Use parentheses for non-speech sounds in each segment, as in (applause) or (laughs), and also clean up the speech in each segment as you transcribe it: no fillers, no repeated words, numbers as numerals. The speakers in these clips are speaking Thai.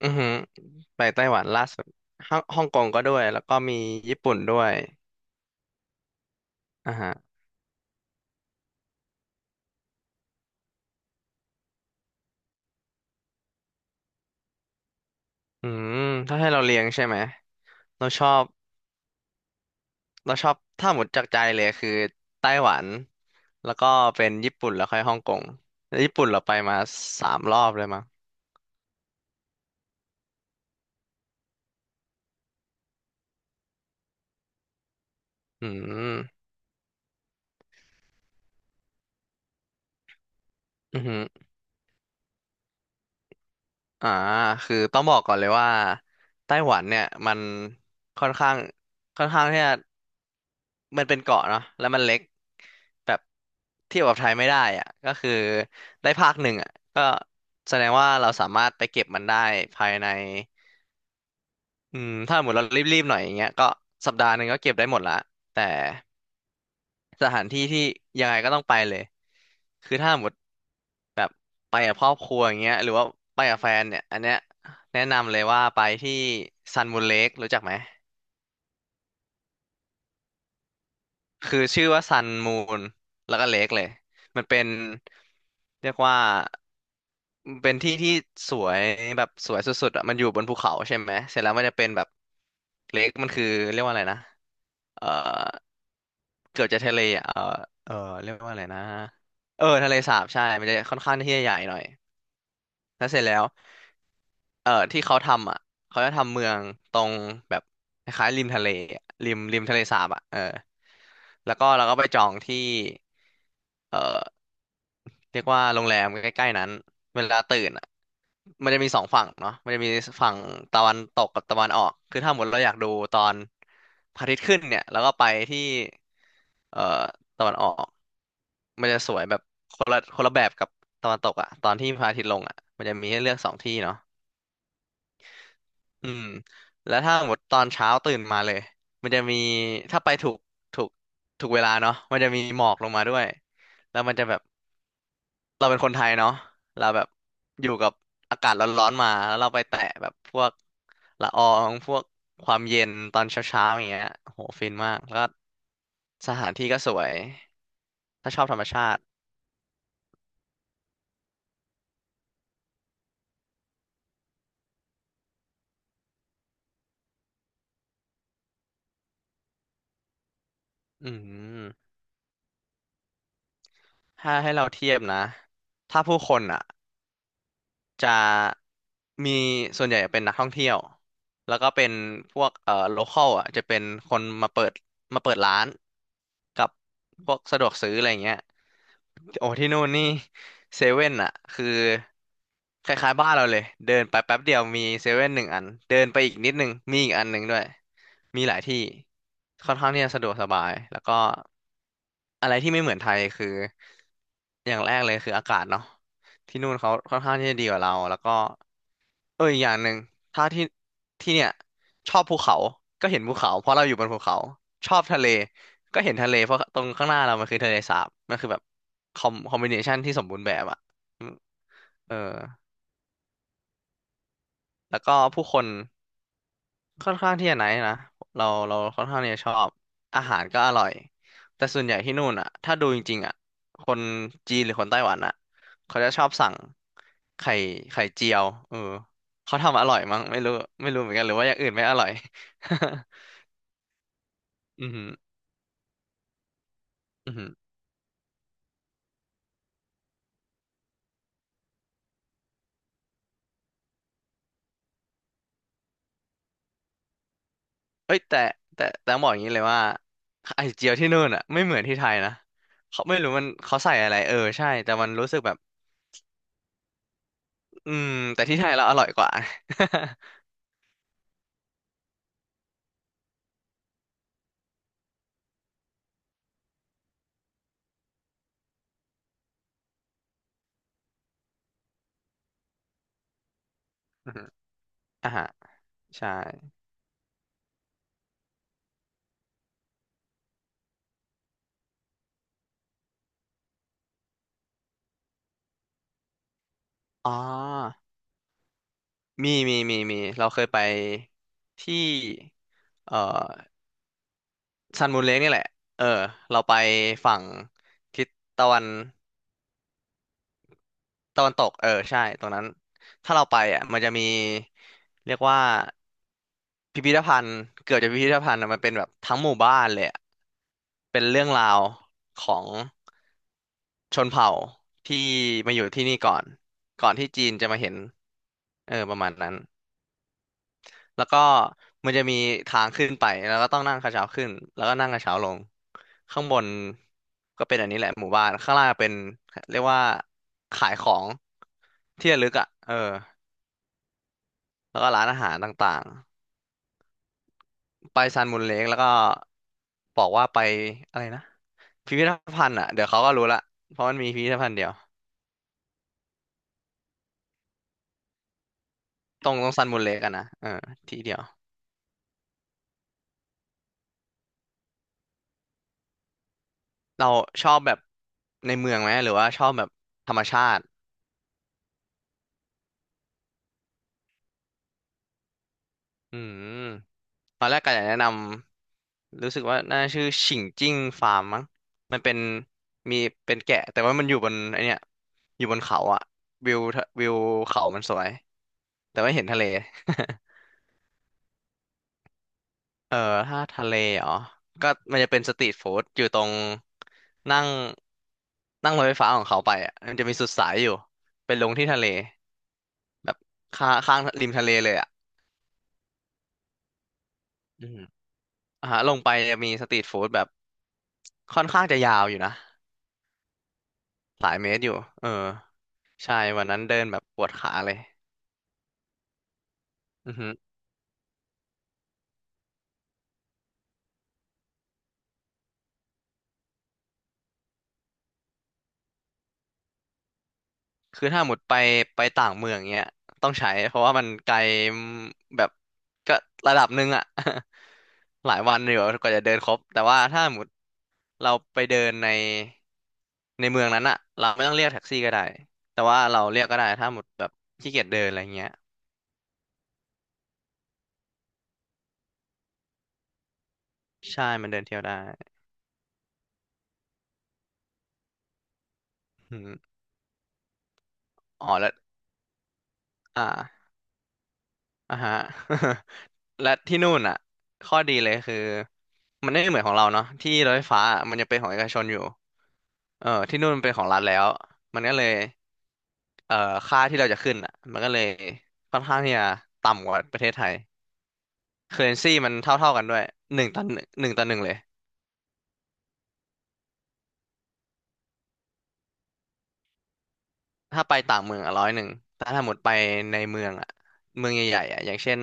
อือหือไปไต้หวันล่าสุดฮ่องกงก็ด้วยแล้วก็มีญี่ปุ่นด้วยอ่าฮะอืมถ้าให้เราเรียงใช่ไหม เราชอบเราชอบถ้าหมดจากใจเลยคือไต้หวัน แล้วก็เป็นญี่ปุ่นแล้วค่อยฮ่องกงแล้วญี่ปุ่นเราไปมาสามรอบเลยมั้งอืมอือหือ อ่าคือต้องบอกก่อนเลยว่าไต้หวันเนี่ยมันค่อนข้างค่อนข้างที่จะมันเป็นเกาะเนาะแล้วมันเล็กแบบเทียบกับไทยไม่ได้อ่ะก็คือได้ภาคหนึ่งอ่ะก็แสดงว่าเราสามารถไปเก็บมันได้ภายในถ้าหมดเรารีบๆหน่อยอย่างเงี้ยก็สัปดาห์หนึ่งก็เก็บได้หมดละแต่สถานที่ที่ยังไงก็ต้องไปเลยคือถ้าหมด ไปกับครอบครัวอย่างเงี้ยหรือว่าไปกับแฟนเนี่ยอันเนี้ยแนะนำเลยว่าไปที่ซันมูนเลครู้จักไหมคือชื่อว่าซันมูนแล้วก็เลคเลยมันเป็นเรียกว่าเป็นที่ที่สวยแบบสวยสุดๆอ่ะมันอยู่บนภูเขาใช่ไหมเสร็จแล้วมันจะเป็นแบบเลคมันคือเรียกว่าอะไรนะเออเกือบจะทะเลอ่ะเออเออเรียกว่าอะไรนะเออทะเลสาบใช่มันจะค่อนข้างที่จะใหญ่หน่อยแล้วเสร็จแล้ว ที่เขาทำอ่ะเขาจะทำเมืองตรงแบบคล้ายๆริมทะเลอะริมริมทะเลสาบอ่ะเออแล้วก็เราก็ไปจองที่เอ่อเรียกว่าโรงแรมใกล้ๆนั้นเวลาตื่นอ่ะมันจะมีสองฝั่งเนาะมันจะมีฝั่งตะวันตกกับตะวันออกคือถ้าหมดเราอยากดูตอนพระอาทิตย์ขึ้นเนี่ยแล้วก็ไปที่เอ่อตะวันออกมันจะสวยแบบคนละแบบกับตะวันตกอ่ะตอนที่พระอาทิตย์ลงอ่ะมันจะมีให้เลือกสองที่เนาะ อืมแล้วถ้าหมดตอนเช้าตื่นมาเลยมันจะมีถ้าไปถูกถูกเวลาเนาะมันจะมีหมอกลงมาด้วยแล้วมันจะแบบเราเป็นคนไทยเนาะเราแบบอยู่กับอากาศร้อนๆมาแล้วเราไปแตะแบบพวกละอองพวกความเย็นตอนเช้าๆอย่างเงี้ยโหฟินมากแล้วก็สถานที่ก็สวยถ้าชอบธรรมชาติอืมถ้าให้เราเทียบนะถ้าผู้คนอ่ะ จะมีส่วนใหญ่เป็นนักท่องเที่ยวแล้วก็เป็นพวกโลคอลอ่ะจะเป็นคนมาเปิดร้านกับพวกสะดวกซื้ออะไรอย่างเงี้ยโอ้ที่นู่นนี่เซเว่นอ่ะคือคล้ายๆบ้านเราเลยเดินไปแป๊บเดียวมีเซเว่นหนึ่งอันเดินไปอีกนิดนึงมีอีกอันหนึ่งด้วยมีหลายที่ค่อนข้างที่จะสะดวกสบายแล้วก็อะไรที่ไม่เหมือนไทยคืออย่างแรกเลยคืออากาศเนาะ ที่นู่นเขาค่อนข้างที่จะดีกว่าเราแล้วก็เอออีกอย่างหนึ่งถ้าที่ที่เนี่ยชอบภูเขาก็เห็นภูเขาเพราะเราอยู่บนภูเขาชอบทะเลก็เห็นทะเลเพราะตรงข้างหน้าเรามันคือทะเลสาบมันคือแบบคอมบิเนชันที่สมบูรณ์แบบอ่ะอืมเออแล้วก็ผู้คน ค่อนข้างที่จะไหนท์นะเราค่อนข้างที่จะชอบอาหารก็อร่อยแต่ส่วนใหญ่ที่นู่นอ่ะถ้าดูจริงๆอ่ะคนจีนหรือคนไต้หวันอ่ะเขาจะชอบสั่งไข่ไข่เจียวเออเขาทำอร่อยมั้งไม่รู้ไม่รู้เหมือนกันหรือว่าอย่างอื่นไม่อร่อย (laughs) อือหืออือหือเอ้ยแต่ต้องบอกอย่างนี้เลยว่าไข่เจียวที่นู่นอ่ะไม่เหมือนที่ไทยนะเขาไม่รู้มันเขาใส่อะไรเออใช่แต่มันรู้สึกแบบอืมแต่ที่ไทยเราอร่อยกว่า (laughs) อือหืออ่าฮะใช่ อ๋อมีเราเคยไปที่เอ่อซันมูนเลกนี่แหละเออเราไปฝั่งทิศตะวันตะวันตกเออใช่ตรงนั้น ถ้าเราไปอ่ะมันจะมีเรียกว่าพิพิธภัณฑ์เกือบจะพิพิธภัณฑ์อะมันเป็นแบบทั้งหมู่บ้านเลยอะเป็นเรื่องราวของชนเผ่าที่มาอยู่ที่นี่ก่อนก่อนที่จีนจะมาเห็นเออประมาณนั้น แล้วก็มันจะมีทางขึ้นไปแล้วก็ต้องนั่งกระเช้าขึ้นแล้วก็นั่งกระเช้าลงข้างบนก็เป็นอันนี้แหละหมู่บ้านข้างล่างเป็นเรียกว่าขายของที่ระลึกอ่ะเออแล้วก็ร้านอาหารต่างๆไปซันมูนเลกแล้วก็บอกว่าไปอะไรนะพิพิธภัณฑ์อ่ะเดี๋ยวเขาก็รู้ละเพราะมันมีพิพิธภัณฑ์เดียวตรงซันมูนเลคกัะนะเออที่เดียวเราชอบแบบในเมืองไหมหรือว่าชอบแบบธรรมชาติอืม ตอนแรกก็อยากแนะนำรู้สึกว่าน่าชื่อฉิงจิ้งฟาร์มมั้งมันเป็นมีเป็นแกะแต่ว่ามันอยู่บนไอเนี้ยอยู่บนเขาอะวิวเขามันสวยแต่ว่าเห็นทะเล (laughs) เออถ้าทะเลเหรอก็มันจะเป็นสตรีทฟู้ดอยู่ตรงนั่งนั่งรถไฟฟ้าของเขาไปอะมันจะมีสุดสายอยู่เป็นลงที่ทะเลแบบข้างข้างริมทะเลเลยอะอืมอ่าฮะลงไปจะมีสตรีทฟู้ดแบบค่อนข้างจะยาวอยู่นะ หลายเมตรอยู่เออใช่วันนั้นเดินแบบปวดขาเลยอือฮึคือถ้าหมดไปต่างเมืองเงี้ยต้องใช้เพราะว่ามันไกลแบบก็ระดับหนึ่งอะ (laughs) หลายวันอยู่กว่าจะเดินครบ แต่ว่าถ้าหมดเราไปเดินในเมืองนั้นอะเราไม่ต้องเรียกแท็กซี่ก็ได้ แต่ว่าเราเรียกก็ได้ถ้าหมดแบบขี้เกียจเดินอะไรเงี้ยใช่มันเดินเที่ยวได้อืมอ๋อแล้วอ่า อ่ะฮะ (laughs) และที่นู่นอ่ะข้อดีเลยคือมันไม่เหมือนของเราเนาะที่รถไฟฟ้าอะมันยังเป็นของเอกชนอยู่เออที่นู่นมันเป็นของรัฐแล้วมันก็เลยเอ่อค่าที่เราจะขึ้นอ่ะมันก็เลยค่อนข้างที่จะต่ำกว่าประเทศไทยเคอร์เรนซีมันเท่าเท่ากันด้วยหนึ่งต่อหนึ่งหนึ่งต่อหนึ่งเลยถ้าไปต่างเมืองอ่ะ101แต่ถ้าหมดไปในเมืองอ่ะเมืองใหญ่ๆอ่ะอย่างเช่น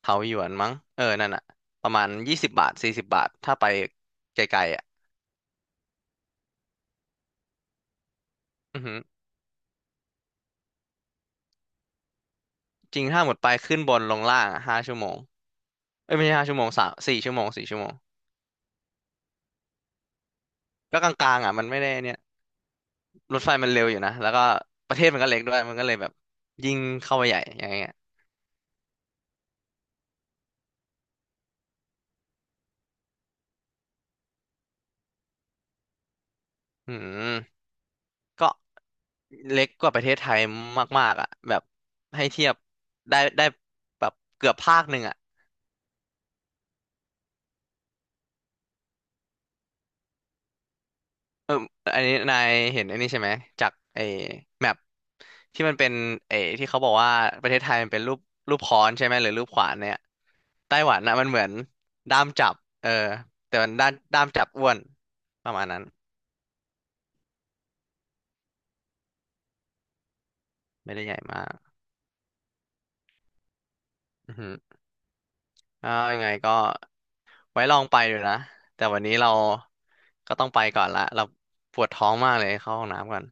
เถาหยวนมั้งเออนั่นอ่ะประมาณ20 บาท40 บาทถ้าไปไกลๆอ่ะอือหือ จริงถ้าหมดไปขึ้นบนลงล่างอะห้าชั่วโมงเอ้ยไม่ใช่ห้าชั่วโมง3-4 ชั่วโมงสี่ชั่วโมงก็กลางๆอ่ะมันไม่ได้เนี่ยรถไฟมันเร็วอยู่นะแล้วก็ประเทศมันก็เล็กด้วยมันก็เลยแบบยิ่งเข้าไปใหญ่อย่างเงี้ยอืมก็เล็กกว่าประเทศไทยมากๆอ่ะแบบให้เทียบได้แบบเกือบภาคหนึ่งอ่ะ เอออันนี้นายเห็นอันนี้ใช่ไหมจากไอ้แมปที่มันเป็นไอ้ที่เขาบอกว่าประเทศไทยมันเป็นรูปค้อนใช่ไหมหรือรูปขวานเนี่ยไต้หวันนะมันเหมือนด้ามจับเออแต่มันด้านด้ามจับอ้วนประมาณนั้นไม่ได้ใหญ่มากอือฮึอ่ายังไงก็ไว้ลองไปดูนะแต่วันนี้เราก็ต้องไปก่อนละเราปวดท้องมากเลยเข้าห้องน้ำก่อน